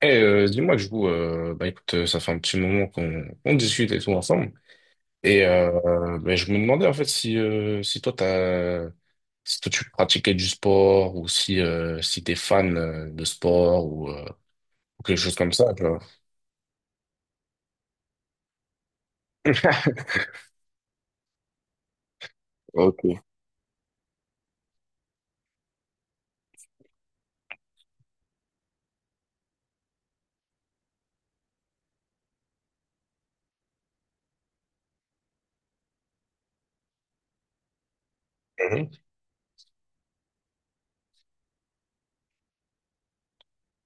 Dis-moi que je vous, bah écoute, ça fait un petit moment qu'on discute et tout ensemble. Et bah, je me demandais en fait si toi tu pratiquais du sport ou si t'es fan de sport, ou quelque chose comme ça, tu vois. Ok. Mhm.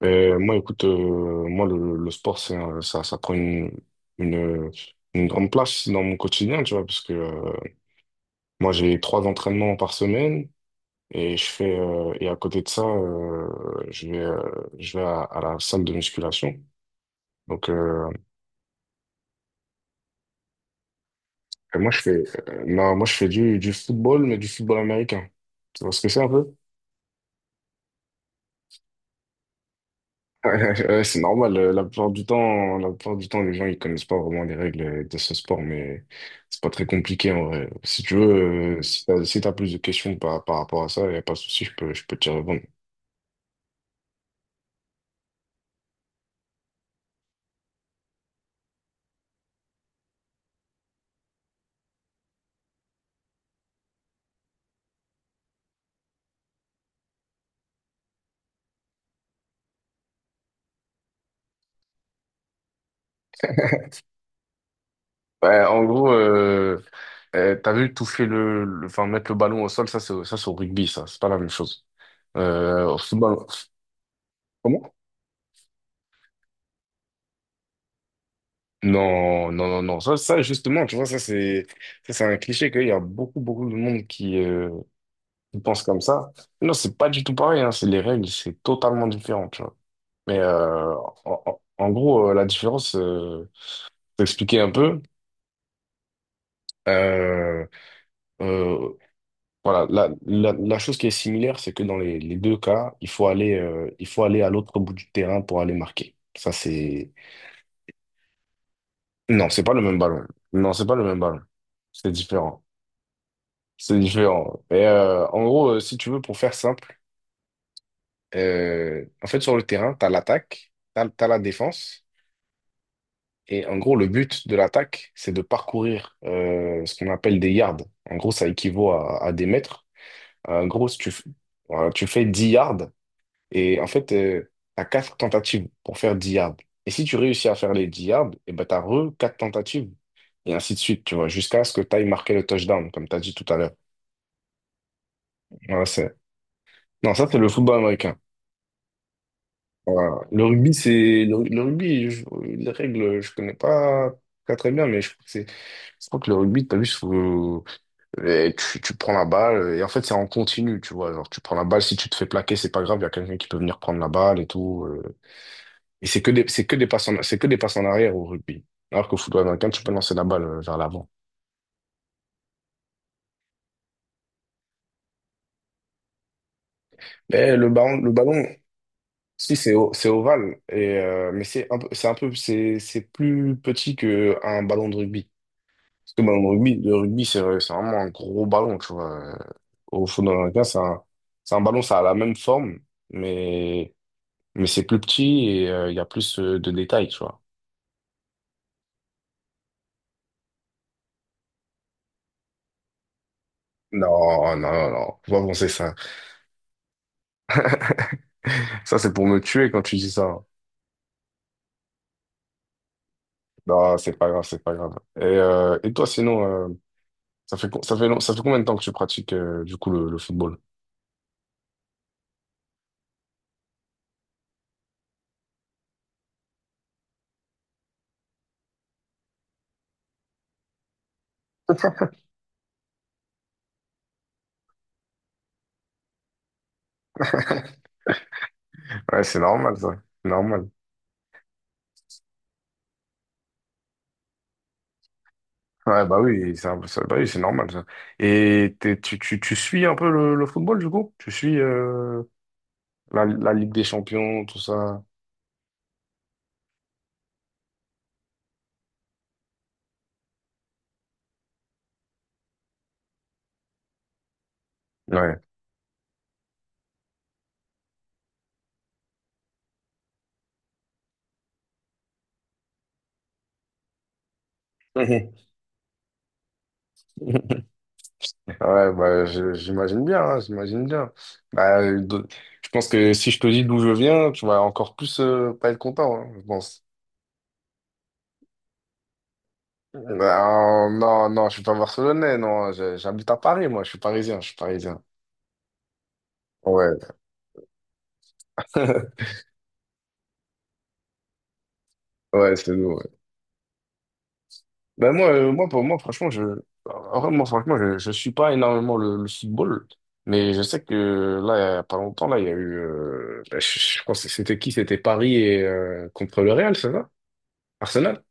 Moi, écoute, moi le sport, ça prend une une grande place dans mon quotidien, tu vois, parce que moi, j'ai trois entraînements par semaine. Et je fais et à côté de ça, je vais euh, je vais à la salle de musculation. Donc, et moi je fais non, moi je fais du football, mais du football américain. Tu vois ce que c'est un peu? Ouais, c'est normal. La plupart du temps, la plupart du temps, les gens, ils connaissent pas vraiment les règles de ce sport, mais c'est pas très compliqué en vrai. Si tu veux, si t'as plus de questions par rapport à ça, y a pas de souci, je peux te dire. Ouais, en gros, t'as vu toucher enfin, mettre le ballon au sol, ça c'est au rugby, ça, c'est pas la même chose. Au football, comment? Non, non, non, non, ça, justement, tu vois, ça c'est un cliché qu'il y a beaucoup, beaucoup de monde qui pense comme ça. Non, c'est pas du tout pareil, hein, c'est les règles, c'est totalement différent, tu vois. Mais en gros, la différence, pour t'expliquer un peu. Euh, euh, Voilà, la chose qui est similaire, c'est que dans les deux cas, il faut aller à l'autre bout du terrain pour aller marquer. Ça, c'est. Non, c'est pas le même ballon. Non, c'est pas le même ballon. C'est différent. C'est différent. Et en gros, si tu veux, pour faire simple, en fait, sur le terrain, t'as l'attaque, t'as la défense. Et en gros, le but de l'attaque, c'est de parcourir ce qu'on appelle des yards. En gros, ça équivaut à des mètres. En gros, si tu, f- voilà, tu fais 10 yards. Et en fait, tu as quatre tentatives pour faire 10 yards. Et si tu réussis à faire les 10 yards, et ben, tu as re quatre tentatives. Et ainsi de suite, tu vois, jusqu'à ce que tu ailles marquer le touchdown, comme tu as dit tout à l'heure. Voilà, c'est. Non, ça, c'est le football américain. Voilà. Le rugby, c'est. Le rugby, les règles, je connais pas très très bien, mais je crois que c'est. Je crois que le rugby, t'as vu, tu prends la balle, et en fait, c'est en continu, tu vois. Genre, tu prends la balle, si tu te fais plaquer, c'est pas grave, il y a quelqu'un qui peut venir prendre la balle et tout. Et c'est que des passes en arrière au rugby. Alors qu'au football américain, tu peux lancer la balle vers l'avant. Mais le ballon, si c'est o- c'est ovale, et mais c'est un peu, c'est un peu, c'est plus petit qu'un ballon de rugby. Parce que le ballon de rugby, le rugby, c'est vraiment un gros ballon, tu vois. Au football américain, c'est un ballon, ça a la même forme, mais, mais c'est plus petit, et il y a plus de détails, tu vois. Non, non, non, non, faut pas penser ça. Ça, c'est pour me tuer quand tu dis ça. Non, c'est pas grave, c'est pas grave. Et toi, sinon, ça fait, co- ça fait, long- ça fait combien de temps que tu pratiques du coup le football? Ouais, c'est normal, ça. C'est normal. Ouais, bah oui, bah oui, c'est normal, ça. Tu suis un peu le football, du coup? Tu suis la Ligue des Champions, tout ça? Ouais. Mhm. Ouais, bah, j'imagine bien, hein, j'imagine bien. Bah, je pense que si je te dis d'où je viens, tu vas encore plus, pas être content, hein, je pense. Non, non, non, je suis pas barcelonais, non, j'habite à Paris, moi, je suis parisien, je suis parisien. Ouais, ouais, c'est nous. Ouais. Ben moi, pour moi, franchement, en vrai, moi, franchement, je suis pas énormément le football, mais je sais que là, il y a pas longtemps, là, il y a eu, ben, je pense que c'était qui? C'était Paris contre le Real, c'est ça? Arsenal.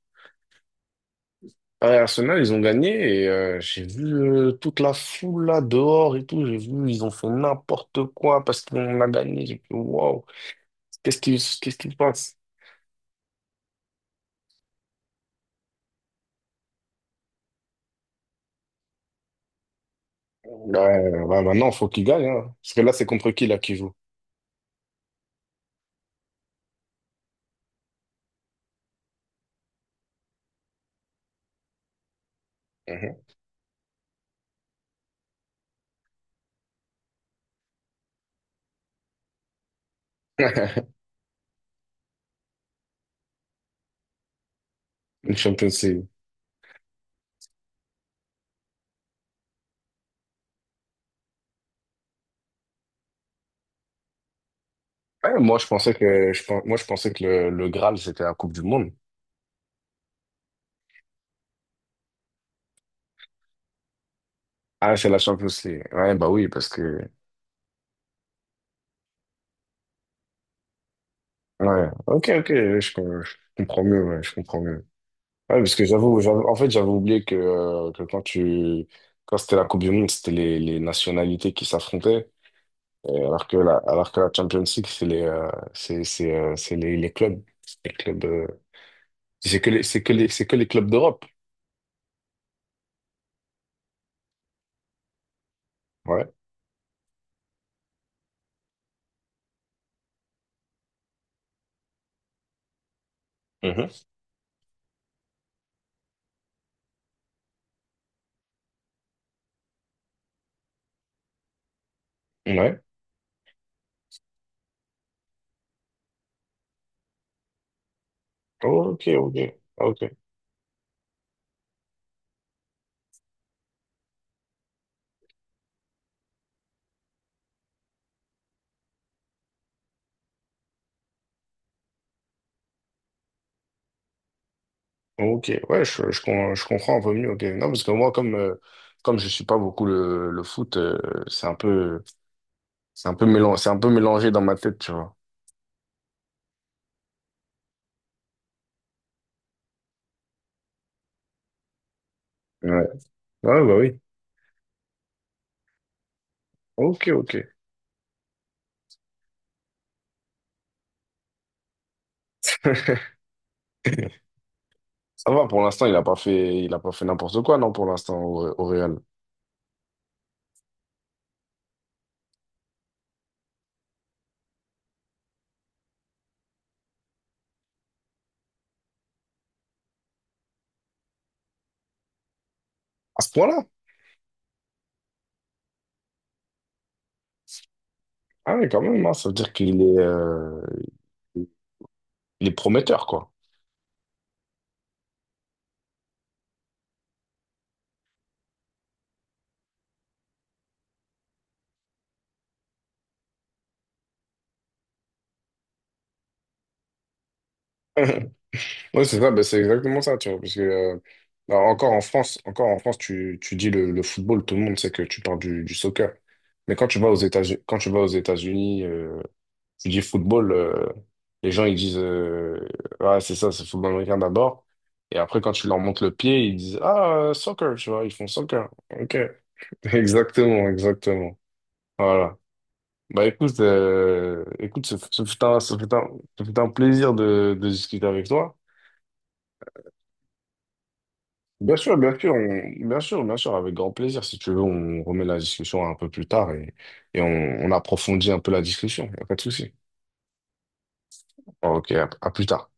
Paris et Arsenal, ils ont gagné, et j'ai vu toute la foule là dehors et tout, j'ai vu, ils ont fait n'importe quoi parce qu'on a gagné, j'ai fait waouh. Qu'est-ce qui, qu'est-ce qui se passe? Ouais, ouais, maintenant, faut qu'il gagne, hein. Parce que là, c'est contre qui, là, qui joue? Mhm. Une Champions League. Ouais, moi, je pensais que, je, pen- moi, je pensais que le Graal, c'était la Coupe du Monde. Ah, c'est la Champions League. Ouais, bah oui, parce que, ouais. Ok, ok, je comprends mieux, ouais, je comprends mieux. Ouais, parce que en fait, j'avais oublié que quand c'était la Coupe du Monde, c'était les nationalités qui s'affrontaient. Et alors que la Champions League, c'est les clubs. Les clubs. Euh, C'est que les, c'est que les, c'est que les clubs d'Europe. Ouais. Mhm. Ouais. Ok, ok. Ok. Ok. Ouais, je comprends un peu mieux. Ok. Non, parce que moi, comme je suis pas beaucoup le foot, c'est un peu mélangé dans ma tête, tu vois. Ouais. Ouais, bah oui. Ok, ok. Ça va, pour l'instant, il a pas fait n'importe quoi, non, pour l'instant, au Real. À ce point-là? Ah oui, quand même, hein, ça veut dire il est prometteur, quoi. Ouais, c'est ça, bah, c'est exactement ça, tu vois, parce que, alors, encore en France, tu dis le football, tout le monde sait que tu parles du soccer. Mais quand tu vas aux États-Unis, quand tu vas aux États-Unis, tu dis football, les gens ils disent, ah, c'est ça, c'est football américain d'abord. Et après, quand tu leur montres le pied, ils disent ah, soccer, tu vois, ils font soccer. Ok, exactement, exactement. Voilà. Bah écoute, ce fut un plaisir de discuter avec toi. Bien sûr, bien sûr, bien sûr, bien sûr, avec grand plaisir. Si tu veux, on remet la discussion un peu plus tard, et on approfondit un peu la discussion. Y a pas de souci. Ok, à plus tard.